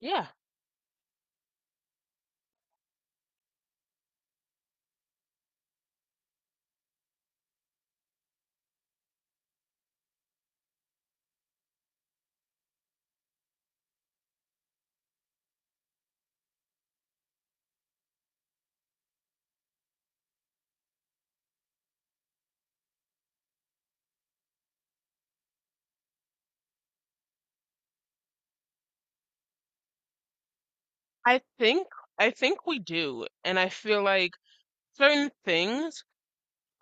Yeah, I think I think we do. And I feel like certain things,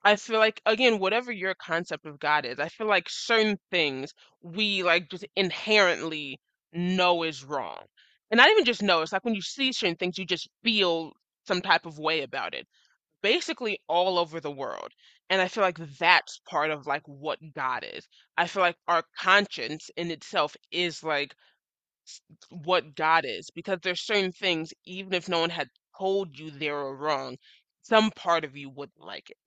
I feel like again, whatever your concept of God is, I feel like certain things we just inherently know is wrong. And not even just know, it's like when you see certain things, you just feel some type of way about it. Basically all over the world. And I feel like that's part of like what God is. I feel like our conscience in itself is like s- what God is because there's certain things, even if no one had told you they were wrong, some part of you wouldn't like it.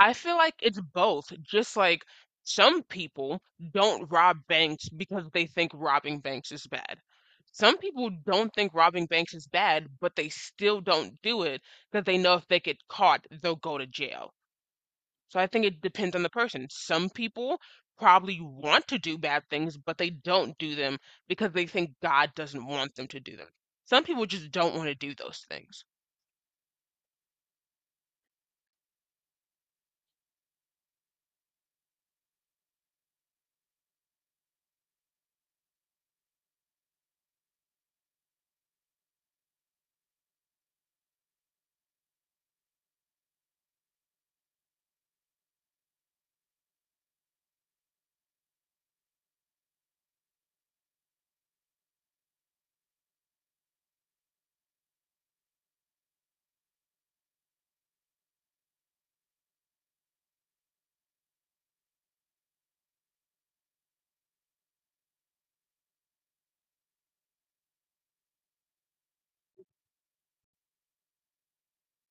I feel like it's both, just like some people don't rob banks because they think robbing banks is bad. Some people don't think robbing banks is bad, but they still don't do it because they know if they get caught, they'll go to jail. So I think it depends on the person. Some people probably want to do bad things, but they don't do them because they think God doesn't want them to do them. Some people just don't want to do those things.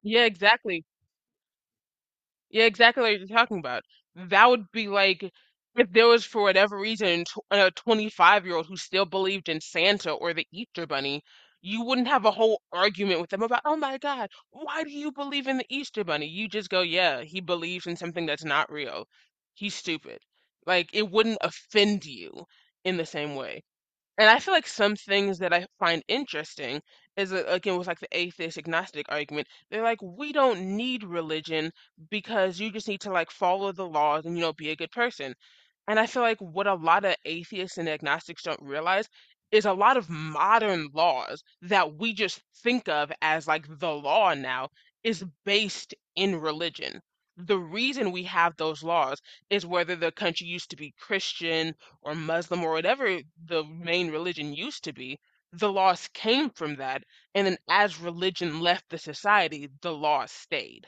Yeah, exactly. Yeah, exactly what you're talking about. That would be like if there was, for whatever reason, tw a 25-year-old who still believed in Santa or the Easter Bunny. You wouldn't have a whole argument with them about, oh my God, why do you believe in the Easter Bunny? You just go, yeah, he believes in something that's not real. He's stupid. Like, it wouldn't offend you in the same way. And I feel like some things that I find interesting is again with like the atheist agnostic argument. They're like, we don't need religion because you just need to like follow the laws and you know be a good person. And I feel like what a lot of atheists and agnostics don't realize is a lot of modern laws that we just think of as like the law now is based in religion. The reason we have those laws is whether the country used to be Christian or Muslim or whatever the main religion used to be, the laws came from that. And then as religion left the society, the laws stayed.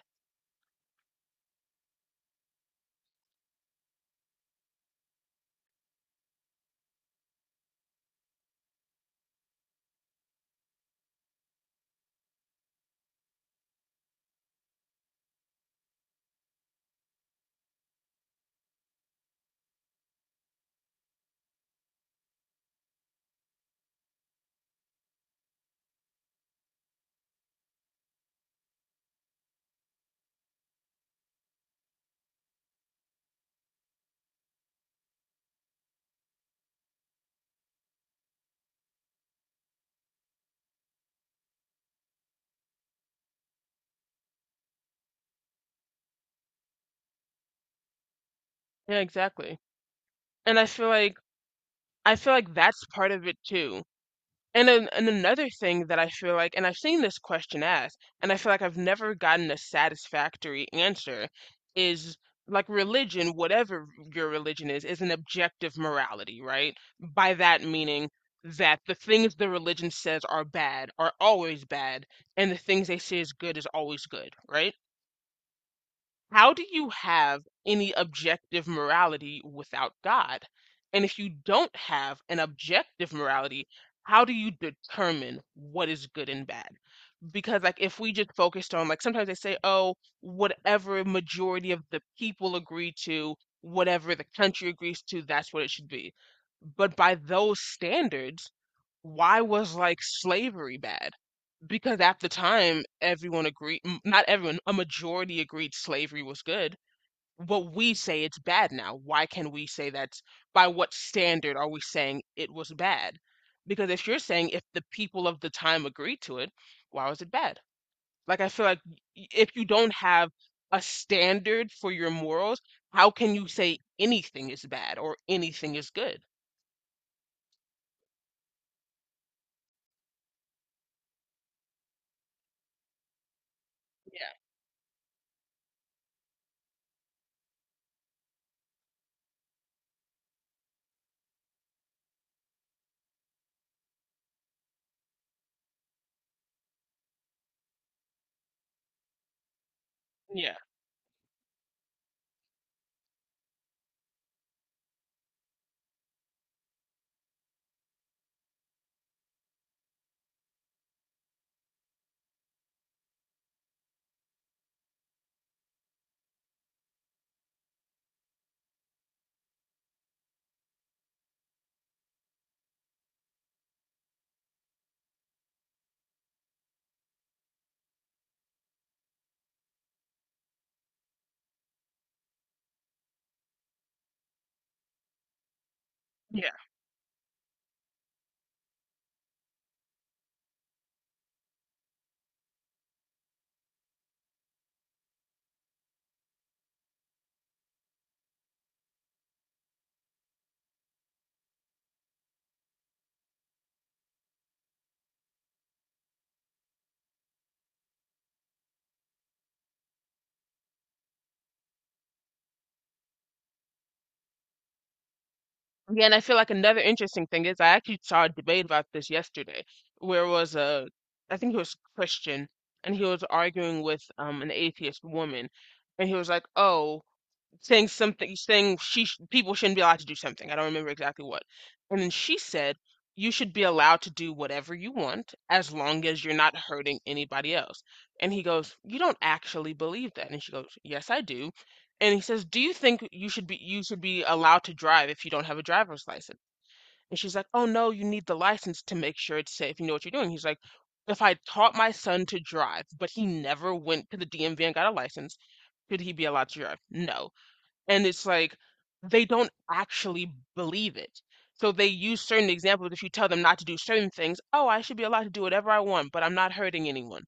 Yeah, exactly. And I feel like that's part of it too. And another thing that I feel like, and I've seen this question asked, and I feel like I've never gotten a satisfactory answer, is like religion, whatever your religion is an objective morality, right? By that meaning that the things the religion says are bad are always bad, and the things they say is good is always good, right? How do you have any objective morality without God? And if you don't have an objective morality, how do you determine what is good and bad? Because like if we just focused on like sometimes they say, oh, whatever majority of the people agree to, whatever the country agrees to, that's what it should be. But by those standards, why was like slavery bad? Because at the time, everyone agreed, not everyone, a majority agreed slavery was good. What we say it's bad now. Why can we say that's by what standard are we saying it was bad? Because if you're saying if the people of the time agreed to it, why was it bad? Like I feel like if you don't have a standard for your morals, how can you say anything is bad or anything is good? Yeah, yeah. Yeah, and I feel like another interesting thing is I actually saw a debate about this yesterday, where it was a, I think he was Christian, and he was arguing with an atheist woman, and he was like, "Oh, saying something, saying she sh people shouldn't be allowed to do something. I don't remember exactly what." And then she said, "You should be allowed to do whatever you want as long as you're not hurting anybody else." And he goes, "You don't actually believe that." And she goes, "Yes, I do." And he says, "Do you think you should be allowed to drive if you don't have a driver's license?" And she's like, "Oh no, you need the license to make sure it's safe. You know what you're doing." He's like, "If I taught my son to drive, but he never went to the DMV and got a license, should he be allowed to drive? No." And it's like they don't actually believe it. So they use certain examples. If you tell them not to do certain things, oh, I should be allowed to do whatever I want, but I'm not hurting anyone.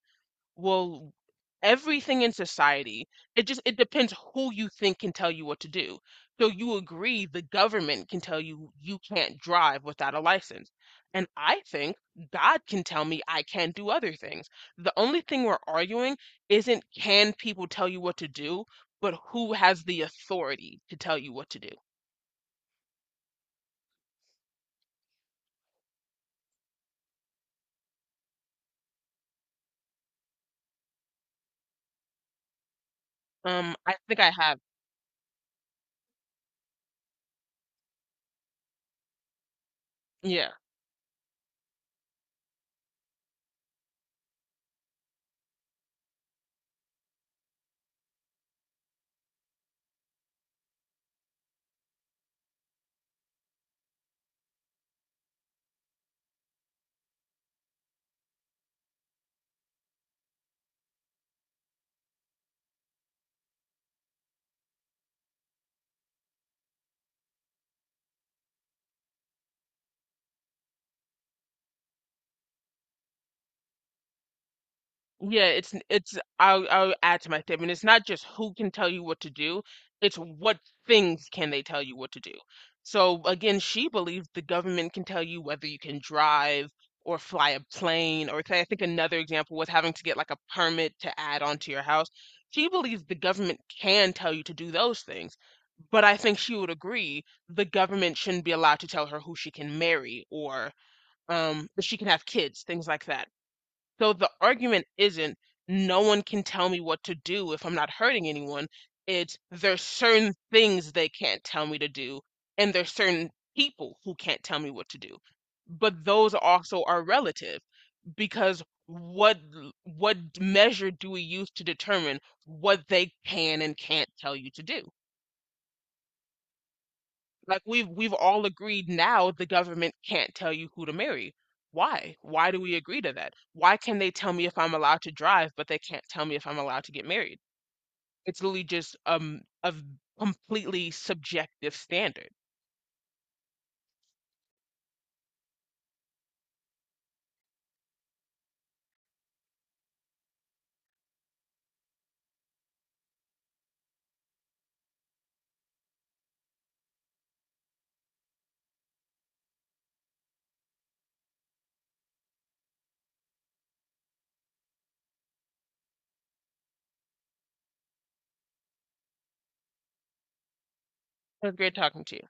Well, everything in society, it just it depends who you think can tell you what to do. So you agree the government can tell you you can't drive without a license. And I think God can tell me I can't do other things. The only thing we're arguing isn't can people tell you what to do, but who has the authority to tell you what to do. I think I have, yeah. Yeah, it's n- it's I'll add to my statement. It's not just who can tell you what to do, it's what things can they tell you what to do. So again, she believes the government can tell you whether you can drive or fly a plane or say I think another example was having to get like a permit to add onto your house. She believes the government can tell you to do those things. But I think she would agree the government shouldn't be allowed to tell her who she can marry or if she can have kids, things like that. So the argument isn't no one can tell me what to do if I'm not hurting anyone. It's there's certain things they can't tell me to do, and there's certain people who can't tell me what to do. But those also are relative because what measure do we use to determine what they can and can't tell you to do? Like we've all agreed now the government can't tell you who to marry. Why? Why do we agree to that? Why can they tell me if I'm allowed to drive, but they can't tell me if I'm allowed to get married? It's literally just completely subjective standard. It was great talking to you.